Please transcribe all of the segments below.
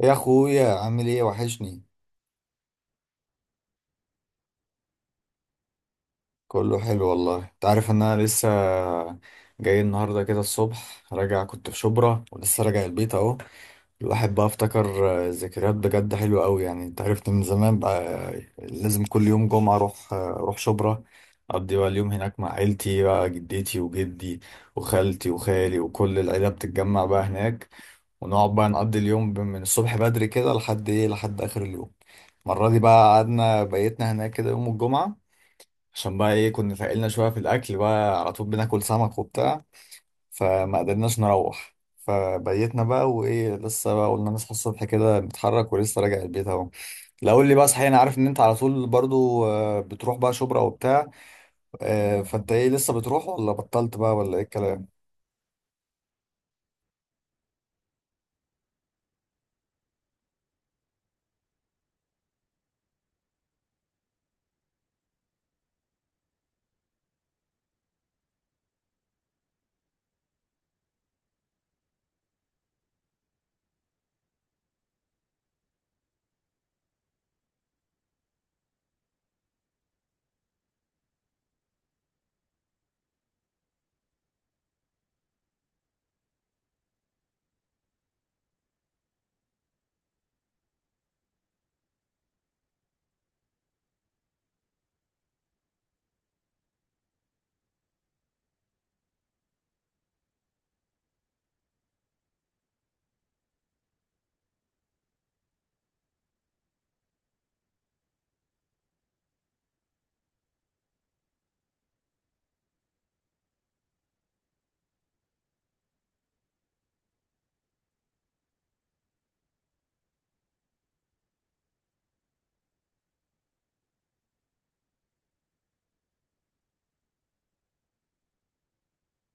يا اخويا، عامل ايه؟ وحشني. كله حلو والله، انت عارف ان انا لسه جاي النهارده كده، الصبح راجع، كنت في شبرا ولسه راجع البيت اهو. الواحد بقى افتكر، ذكريات بجد حلوه قوي، يعني انت عرفت من زمان بقى. لازم كل يوم جمعه اروح، اروح شبرا، اقضي بقى اليوم هناك مع عيلتي، بقى جدتي وجدي وخالتي وخالي وكل العيله بتتجمع بقى هناك، ونقعد بقى نقضي اليوم من الصبح بدري كده لحد ايه، لحد اخر اليوم. المرة دي بقى قعدنا بيتنا هناك كده يوم الجمعة، عشان بقى ايه، كنا فاقلنا شوية في الاكل، بقى على طول بناكل سمك وبتاع، فما قدرناش نروح فبيتنا بقى، وايه لسه بقى قلنا نصحى الصبح كده نتحرك، ولسه راجع البيت اهو. لا قول لي بقى صحيح، انا عارف ان انت على طول برضو بتروح بقى شبرا وبتاع، فانت ايه، لسه بتروح ولا بطلت بقى، ولا ايه الكلام؟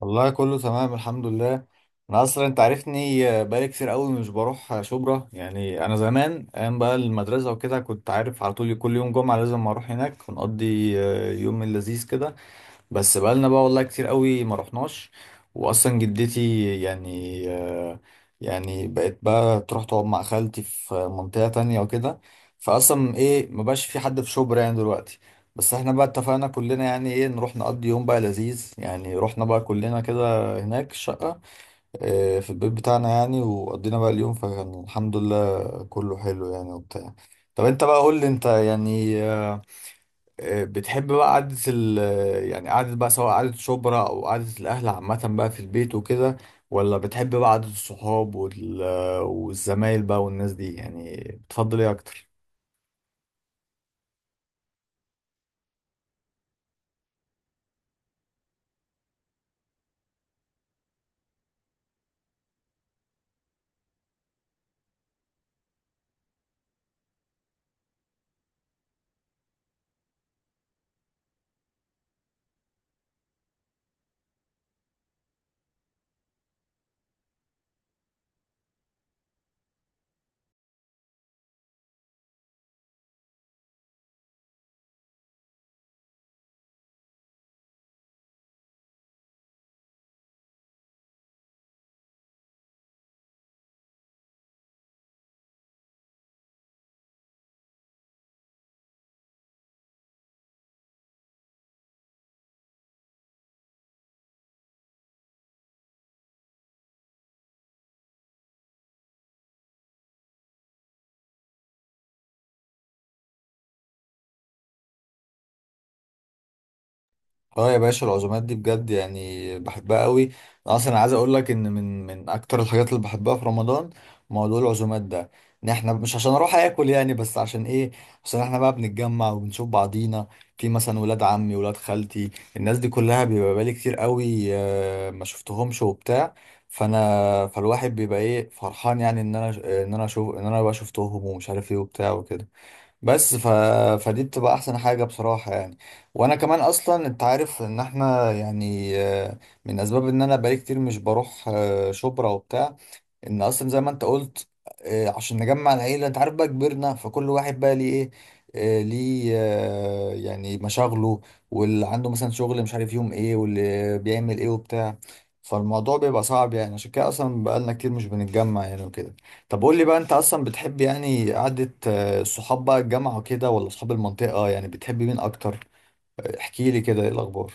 والله كله تمام الحمد لله. انا اصلا انت عارفني بقالي كتير قوي مش بروح شبرا، يعني انا زمان ايام بقى المدرسه وكده كنت عارف على طول كل يوم جمعه لازم اروح هناك، ونقضي يوم لذيذ كده. بس بقالنا بقى والله كتير قوي ما رحناش، واصلا جدتي يعني يعني بقت بقى تروح تقعد مع خالتي في منطقة تانية وكده، فاصلا ايه، ما بقاش في حد في شبرا يعني دلوقتي. بس احنا بقى اتفقنا كلنا يعني ايه نروح نقضي يوم بقى لذيذ، يعني رحنا بقى كلنا كده هناك الشقة، في البيت بتاعنا يعني، وقضينا بقى اليوم، فكان الحمد لله كله حلو يعني وبتاع. طب انت بقى قول لي، انت يعني بتحب بقى قعدة يعني قعدة بقى، سواء قعدة شبرا أو قعدة الأهل عامة بقى في البيت وكده، ولا بتحب بقى قعدة الصحاب والزمايل بقى والناس دي يعني، بتفضل إيه أكتر؟ اه يا باشا، العزومات دي بجد يعني بحبها قوي. انا اصلا عايز اقول لك ان من اكتر الحاجات اللي بحبها في رمضان موضوع العزومات ده، ان احنا مش عشان اروح اكل يعني، بس عشان ايه، عشان احنا بقى بنتجمع وبنشوف بعضينا، في مثلا ولاد عمي ولاد خالتي، الناس دي كلها بيبقى بقالي كتير قوي ما شفتهمش وبتاع. فانا فالواحد بيبقى ايه فرحان، يعني ان انا ان انا اشوف ان انا بقى شفتهم ومش عارف ايه وبتاع وكده. بس ف... فدي بتبقى احسن حاجة بصراحة يعني. وانا كمان اصلا انت عارف ان احنا يعني من اسباب ان انا بقالي كتير مش بروح شبرا وبتاع، ان اصلا زي ما انت قلت عشان نجمع العيله، انت عارف بقى كبرنا، فكل واحد بقى ليه ايه ليه يعني مشاغله، واللي عنده مثلا شغل مش عارف يوم ايه، واللي بيعمل ايه وبتاع، فالموضوع بيبقى صعب يعني، عشان كده اصلا بقالنا كتير مش بنتجمع يعني وكده. طب قول لي بقى، انت اصلا بتحب يعني قعده الصحاب بقى الجامعه وكده ولا اصحاب المنطقه، يعني بتحب مين اكتر؟ احكي لي كده، ايه الاخبار؟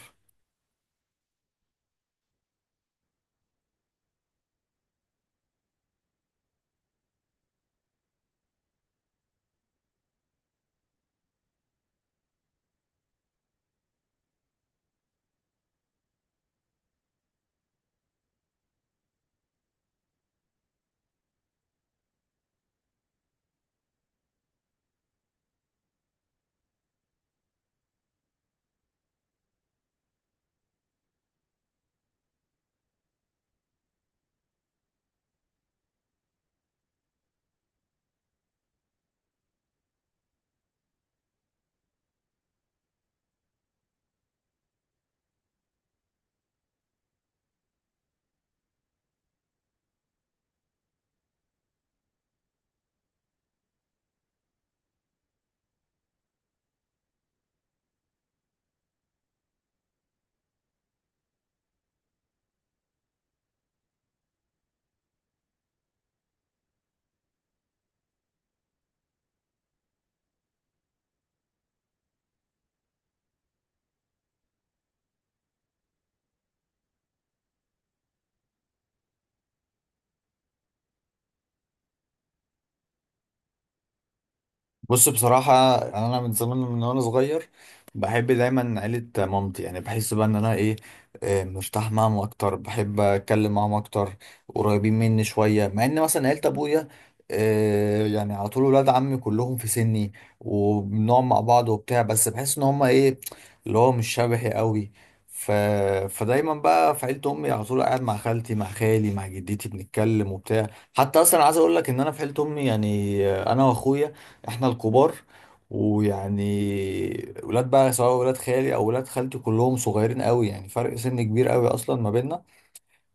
بص بصراحة، أنا من زمان من وأنا صغير بحب دايما عيلة مامتي، يعني بحس بقى إن أنا إيه، مرتاح معاهم أكتر، بحب أتكلم معاهم أكتر، قريبين مني شوية، مع إن مثلا عيلة أبويا يعني على طول ولاد عمي كلهم في سني، وبنقعد مع بعض وبتاع، بس بحس إن هما إيه، اللي هو مش شبهي قوي. ف... فدايما بقى في عيلة أمي على طول قاعد مع خالتي مع خالي مع جدتي بنتكلم وبتاع. حتى أصلا عايز أقول لك إن أنا في عيلة أمي يعني أنا وأخويا احنا الكبار، ويعني ولاد بقى سواء ولاد خالي او ولاد خالتي كلهم صغيرين قوي، يعني فرق سن كبير قوي اصلا ما بيننا.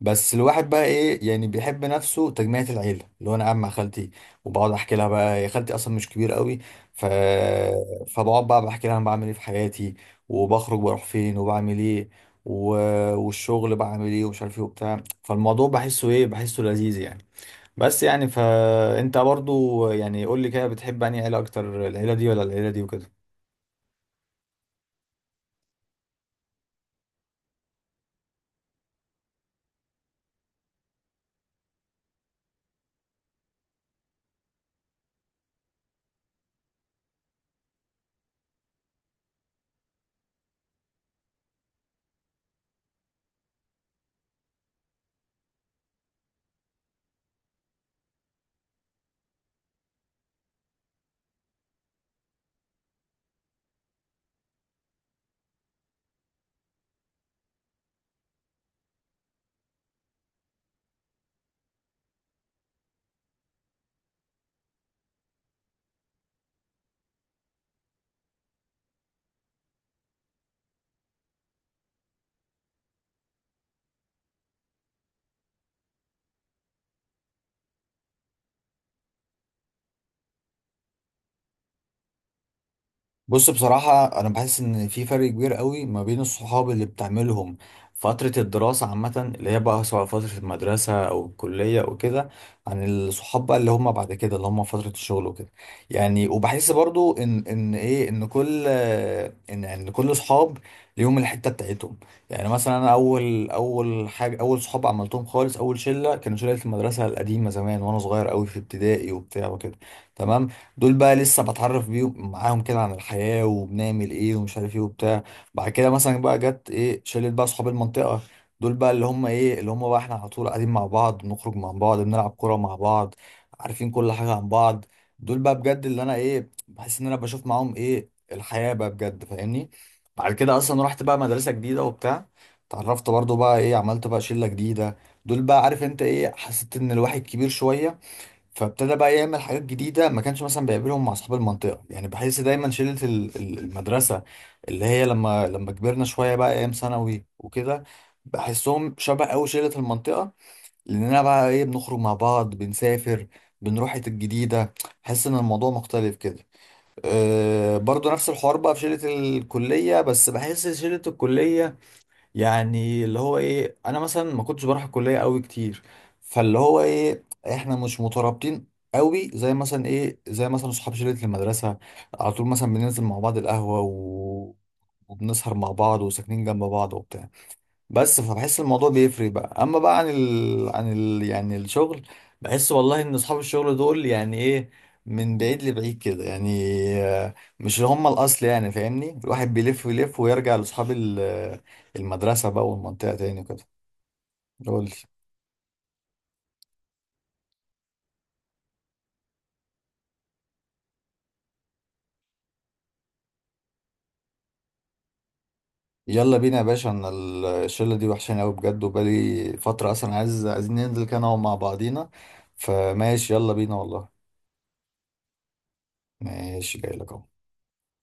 بس الواحد بقى ايه يعني بيحب نفسه تجميعة العيله، اللي هو انا قاعد مع خالتي وبقعد احكي لها بقى، هي خالتي اصلا مش كبير قوي، ف فبقعد بقى بحكي لها انا بعمل ايه في حياتي، وبخرج بروح فين وبعمل ايه و... والشغل بعمل ايه، ومش عارف ايه وبتاع، فالموضوع بحسه ايه، بحسه لذيذ يعني. بس يعني فانت برضو يعني قول لي كده، بتحب انهي عيله اكتر، العيله دي ولا العيله دي وكده؟ بص بصراحة، أنا بحس إن في فرق كبير قوي ما بين الصحاب اللي بتعملهم فترة الدراسة عامة، اللي هي بقى سواء فترة المدرسة أو الكلية أو كده، عن الصحاب بقى اللي هم بعد كده، اللي هم فترة الشغل وكده. يعني وبحس برضو إن إيه، إن كل إن كل صحاب ليهم الحتة بتاعتهم. يعني مثلا أنا أول أول حاجة، أول صحاب عملتهم خالص، أول شلة كانوا شلة المدرسة القديمة زمان، وأنا صغير قوي في ابتدائي وبتاع وكده، تمام. دول بقى لسه بتعرف بيهم معاهم كده عن الحياة وبنعمل ايه ومش عارف ايه وبتاع. بعد كده مثلا بقى جت ايه شلت بقى صحاب المنطقة، دول بقى اللي هم ايه، اللي هم بقى احنا على طول قاعدين مع بعض، بنخرج مع بعض، بنلعب كورة مع بعض، عارفين كل حاجة عن بعض، دول بقى بجد اللي انا ايه بحس ان انا بشوف معاهم ايه الحياة بقى بجد فاهمني. بعد كده اصلا رحت بقى مدرسة جديدة وبتاع، اتعرفت برضو بقى ايه، عملت بقى شلة جديدة، دول بقى عارف انت ايه، حسيت ان الواحد كبير شوية، فابتدى بقى يعمل حاجات جديدة ما كانش مثلا بيقابلهم مع أصحاب المنطقة، يعني بحس دايما شلة المدرسة، اللي هي لما كبرنا شوية بقى أيام ثانوي وكده، بحسهم شبه أوي شلة المنطقة، لأننا بقى إيه بنخرج مع بعض، بنسافر، بنروح حتت جديدة، بحس إن الموضوع مختلف كده. أه برضو نفس الحوار بقى في شلة الكلية، بس بحس شلة الكلية يعني اللي هو ايه، انا مثلا ما كنتش بروح الكليه قوي كتير، فاللي هو ايه، احنا مش مترابطين قوي زي مثلا ايه، زي مثلا صحاب شله المدرسه، على طول مثلا بننزل مع بعض القهوه وبنسهر مع بعض وساكنين جنب بعض وبتاع. بس فبحس الموضوع بيفرق بقى، اما بقى عن يعني الشغل، بحس والله ان اصحاب الشغل دول يعني ايه، من بعيد لبعيد كده يعني، مش هم الاصل يعني فاهمني، الواحد بيلف ويلف ويرجع لاصحاب المدرسة بقى والمنطقة تاني كده. قول لي. يلا بينا يا باشا، انا الشلة دي وحشاني قوي بجد، وبقالي فترة اصلا عايز، عايزين ننزل كده نقعد مع بعضينا، فماشي يلا بينا والله. ماشي جاي لك اهو.